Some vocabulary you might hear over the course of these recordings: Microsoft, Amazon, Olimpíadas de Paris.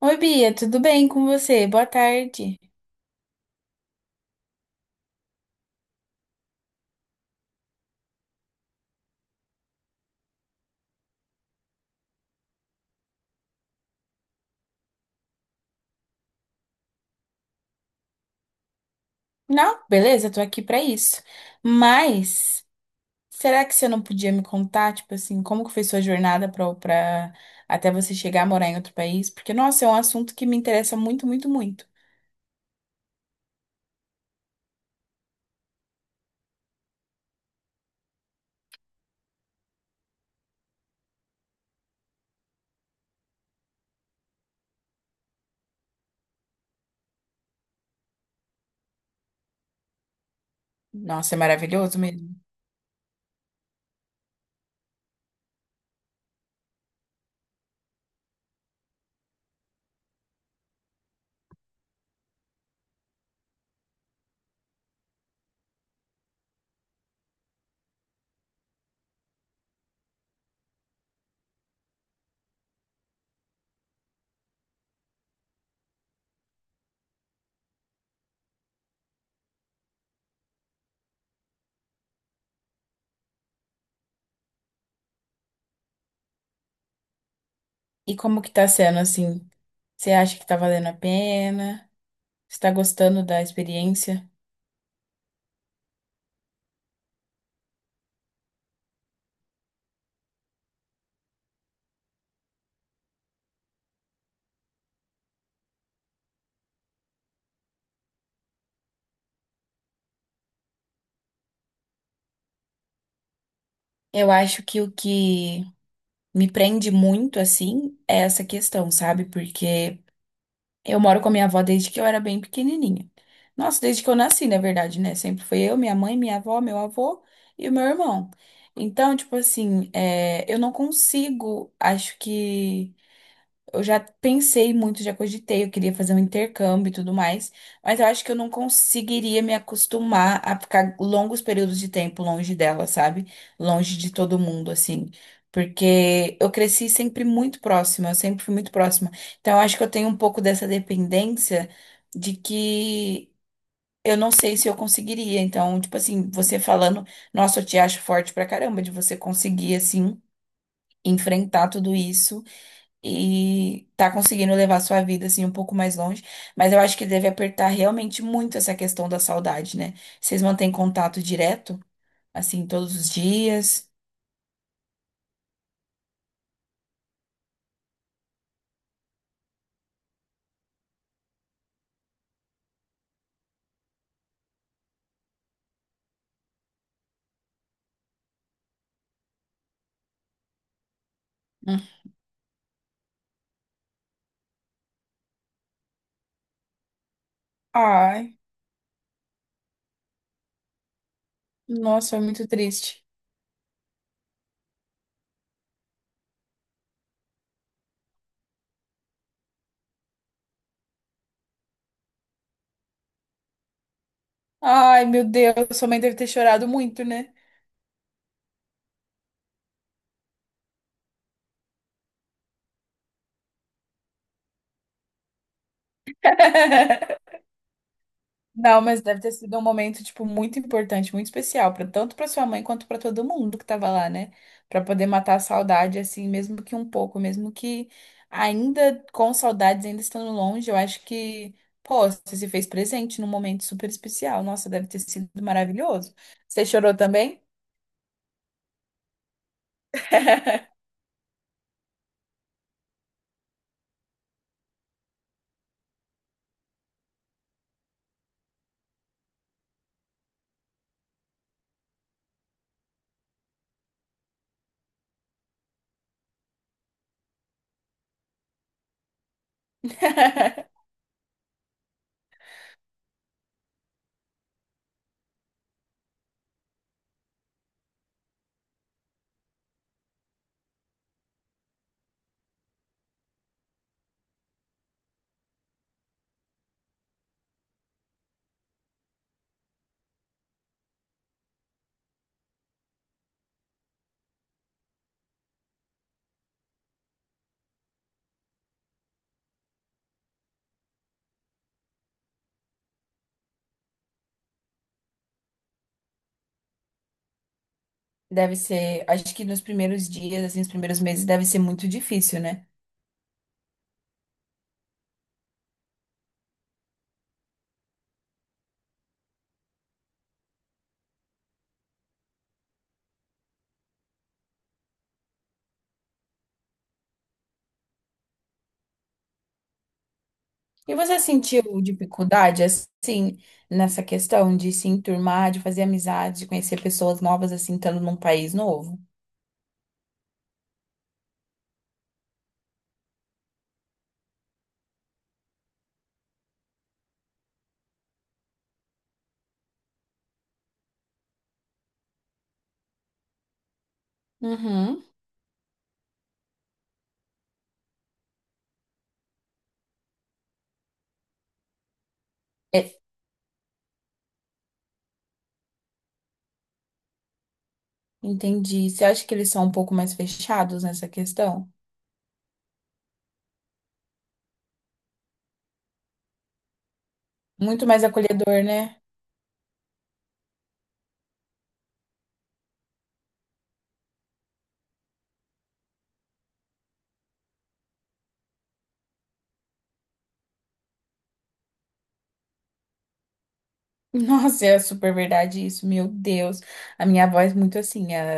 Oi, Bia, tudo bem com você? Boa tarde. Não, beleza, tô aqui pra isso. Mas será que você não podia me contar, tipo assim, como que foi sua jornada pra até você chegar a morar em outro país? Porque, nossa, é um assunto que me interessa muito, muito, muito. Nossa, é maravilhoso mesmo. E como que tá sendo assim? Você acha que tá valendo a pena? Você tá gostando da experiência? Eu acho que o que me prende muito, assim, é essa questão, sabe? Porque eu moro com a minha avó desde que eu era bem pequenininha. Nossa, desde que eu nasci, na verdade, né? Sempre foi eu, minha mãe, minha avó, meu avô e o meu irmão. Então, tipo assim, eu não consigo, acho que. Eu já pensei muito, já cogitei, eu queria fazer um intercâmbio e tudo mais, mas eu acho que eu não conseguiria me acostumar a ficar longos períodos de tempo longe dela, sabe? Longe de todo mundo, assim. Porque eu cresci sempre muito próxima, eu sempre fui muito próxima. Então eu acho que eu tenho um pouco dessa dependência de que eu não sei se eu conseguiria. Então, tipo assim, você falando, nossa, eu te acho forte pra caramba de você conseguir, assim, enfrentar tudo isso e tá conseguindo levar sua vida assim um pouco mais longe, mas eu acho que deve apertar realmente muito essa questão da saudade, né? Vocês mantêm contato direto, assim, todos os dias? Hum. Ai, nossa, é muito triste. Ai, meu Deus, sua mãe deve ter chorado muito, né? Não, mas deve ter sido um momento, tipo, muito importante, muito especial, pra, tanto para sua mãe quanto para todo mundo que tava lá, né? Pra poder matar a saudade, assim, mesmo que um pouco, mesmo que ainda com saudades, ainda estando longe, eu acho que, pô, você se fez presente num momento super especial. Nossa, deve ter sido maravilhoso. Você chorou também? Deve ser, acho que nos primeiros dias, assim, nos primeiros meses, deve ser muito difícil, né? E você sentiu dificuldade, assim, nessa questão de se enturmar, de fazer amizades, de conhecer pessoas novas, assim, estando num país novo? Uhum. É, entendi. Você acha que eles são um pouco mais fechados nessa questão? Muito mais acolhedor, né? Nossa, é super verdade isso, meu Deus. A minha avó é muito assim, ela,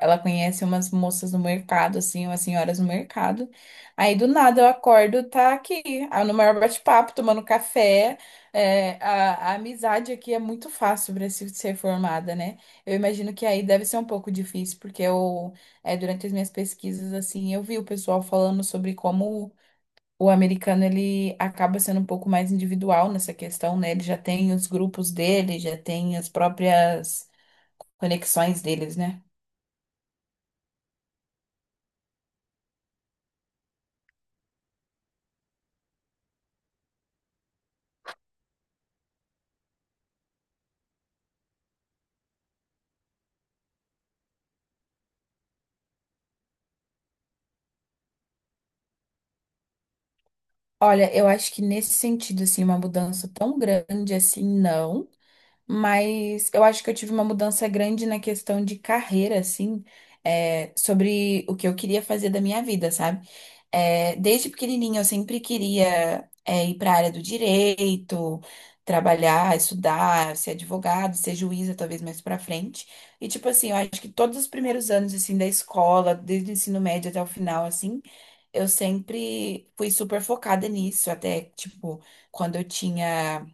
ela conhece umas moças no mercado, assim, umas senhoras no mercado. Aí do nada eu acordo, tá aqui, ah, no maior bate-papo, tomando café. É, a amizade aqui é muito fácil para se ser formada, né? Eu imagino que aí deve ser um pouco difícil, porque durante as minhas pesquisas, assim, eu vi o pessoal falando sobre como. O americano ele acaba sendo um pouco mais individual nessa questão, né? Ele já tem os grupos dele, já tem as próprias conexões deles, né? Olha, eu acho que nesse sentido, assim, uma mudança tão grande assim, não. Mas eu acho que eu tive uma mudança grande na questão de carreira, assim, sobre o que eu queria fazer da minha vida, sabe? Desde pequenininha eu sempre queria, ir para a área do direito, trabalhar, estudar, ser advogado, ser juíza, talvez mais para frente. E, tipo assim, eu acho que todos os primeiros anos, assim, da escola, desde o ensino médio até o final, assim, eu sempre fui super focada nisso. Até, tipo, quando eu tinha,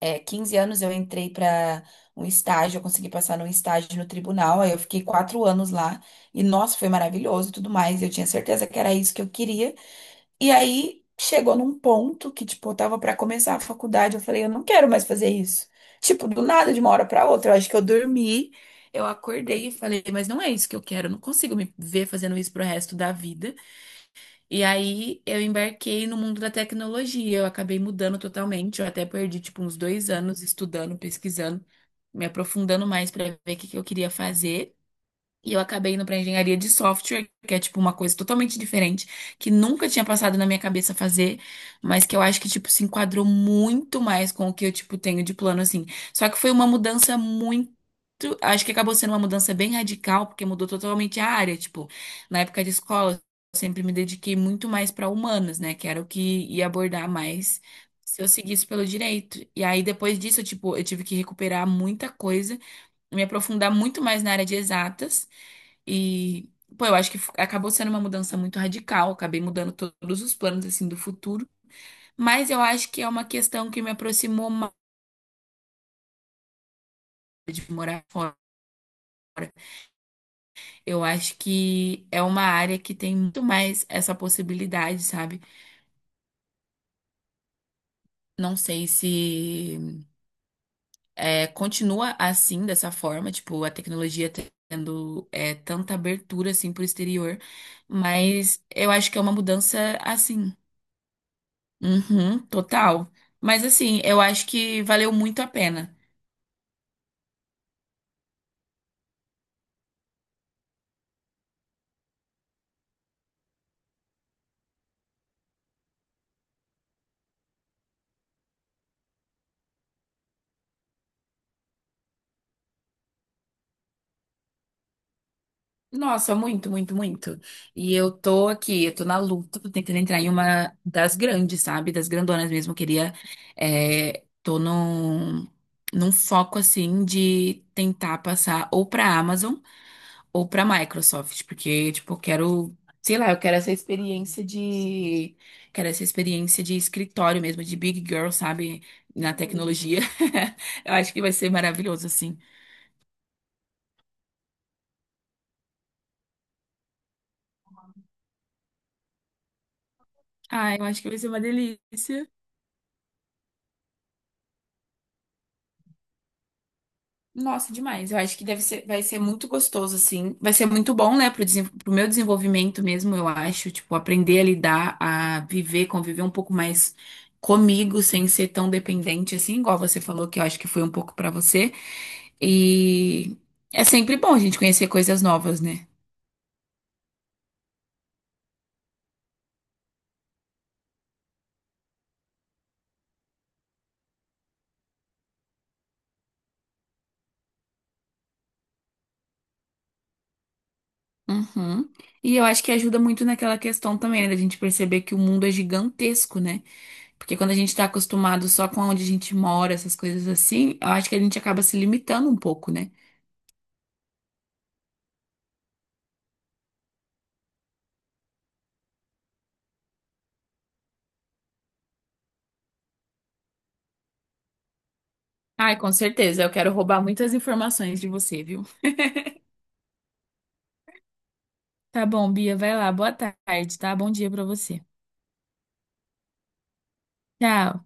15 anos, eu entrei para um estágio, eu consegui passar num estágio no tribunal, aí eu fiquei 4 anos lá. E, nossa, foi maravilhoso e tudo mais. Eu tinha certeza que era isso que eu queria. E aí chegou num ponto que, tipo, eu tava pra começar a faculdade, eu falei, eu não quero mais fazer isso. Tipo, do nada, de uma hora pra outra, eu acho que eu dormi, eu acordei e falei, mas não é isso que eu quero, eu não consigo me ver fazendo isso pro resto da vida. E aí eu embarquei no mundo da tecnologia, eu acabei mudando totalmente, eu até perdi, tipo, uns 2 anos estudando, pesquisando, me aprofundando mais pra ver o que que eu queria fazer. E eu acabei indo pra engenharia de software, que é tipo uma coisa totalmente diferente, que nunca tinha passado na minha cabeça fazer, mas que eu acho que tipo se enquadrou muito mais com o que eu tipo tenho de plano assim. Só que foi uma mudança muito, acho que acabou sendo uma mudança bem radical, porque mudou totalmente a área, tipo, na época de escola eu sempre me dediquei muito mais pra humanas, né, que era o que ia abordar mais se eu seguisse pelo direito. E aí depois disso, eu, tipo, eu tive que recuperar muita coisa me aprofundar muito mais na área de exatas. E, pô, eu acho que acabou sendo uma mudança muito radical, acabei mudando todos os planos, assim, do futuro. Mas eu acho que é uma questão que me aproximou mais de morar fora. Eu acho que é uma área que tem muito mais essa possibilidade, sabe? Não sei se é, continua assim, dessa forma, tipo, a tecnologia tendo tanta abertura, assim, pro exterior. Mas eu acho que é uma mudança, assim. Uhum, total. Mas assim, eu acho que valeu muito a pena. Nossa, muito, muito, muito. E eu tô aqui, eu tô na luta, tô tentando entrar em uma das grandes, sabe? Das grandonas mesmo. Eu queria. Tô num foco assim de tentar passar ou pra Amazon. Ou para Microsoft, porque tipo, eu quero, sei lá, eu quero essa experiência de, quero essa experiência de escritório mesmo, de big girl, sabe, na tecnologia. Eu acho que vai ser maravilhoso assim. Ah, eu acho que vai ser uma delícia. Nossa, demais. Eu acho que deve ser, vai ser muito gostoso assim. Vai ser muito bom, né, pro, pro meu desenvolvimento mesmo, eu acho, tipo, aprender a lidar, a viver, conviver um pouco mais comigo sem ser tão dependente assim, igual você falou que eu acho que foi um pouco pra você. E é sempre bom a gente conhecer coisas novas, né? Uhum. E eu acho que ajuda muito naquela questão também, né, da gente perceber que o mundo é gigantesco, né? Porque quando a gente tá acostumado só com onde a gente mora, essas coisas assim, eu acho que a gente acaba se limitando um pouco, né? Ai, com certeza. Eu quero roubar muitas informações de você, viu? Tá bom, Bia, vai lá. Boa tarde, tá? Bom dia pra você. Tchau.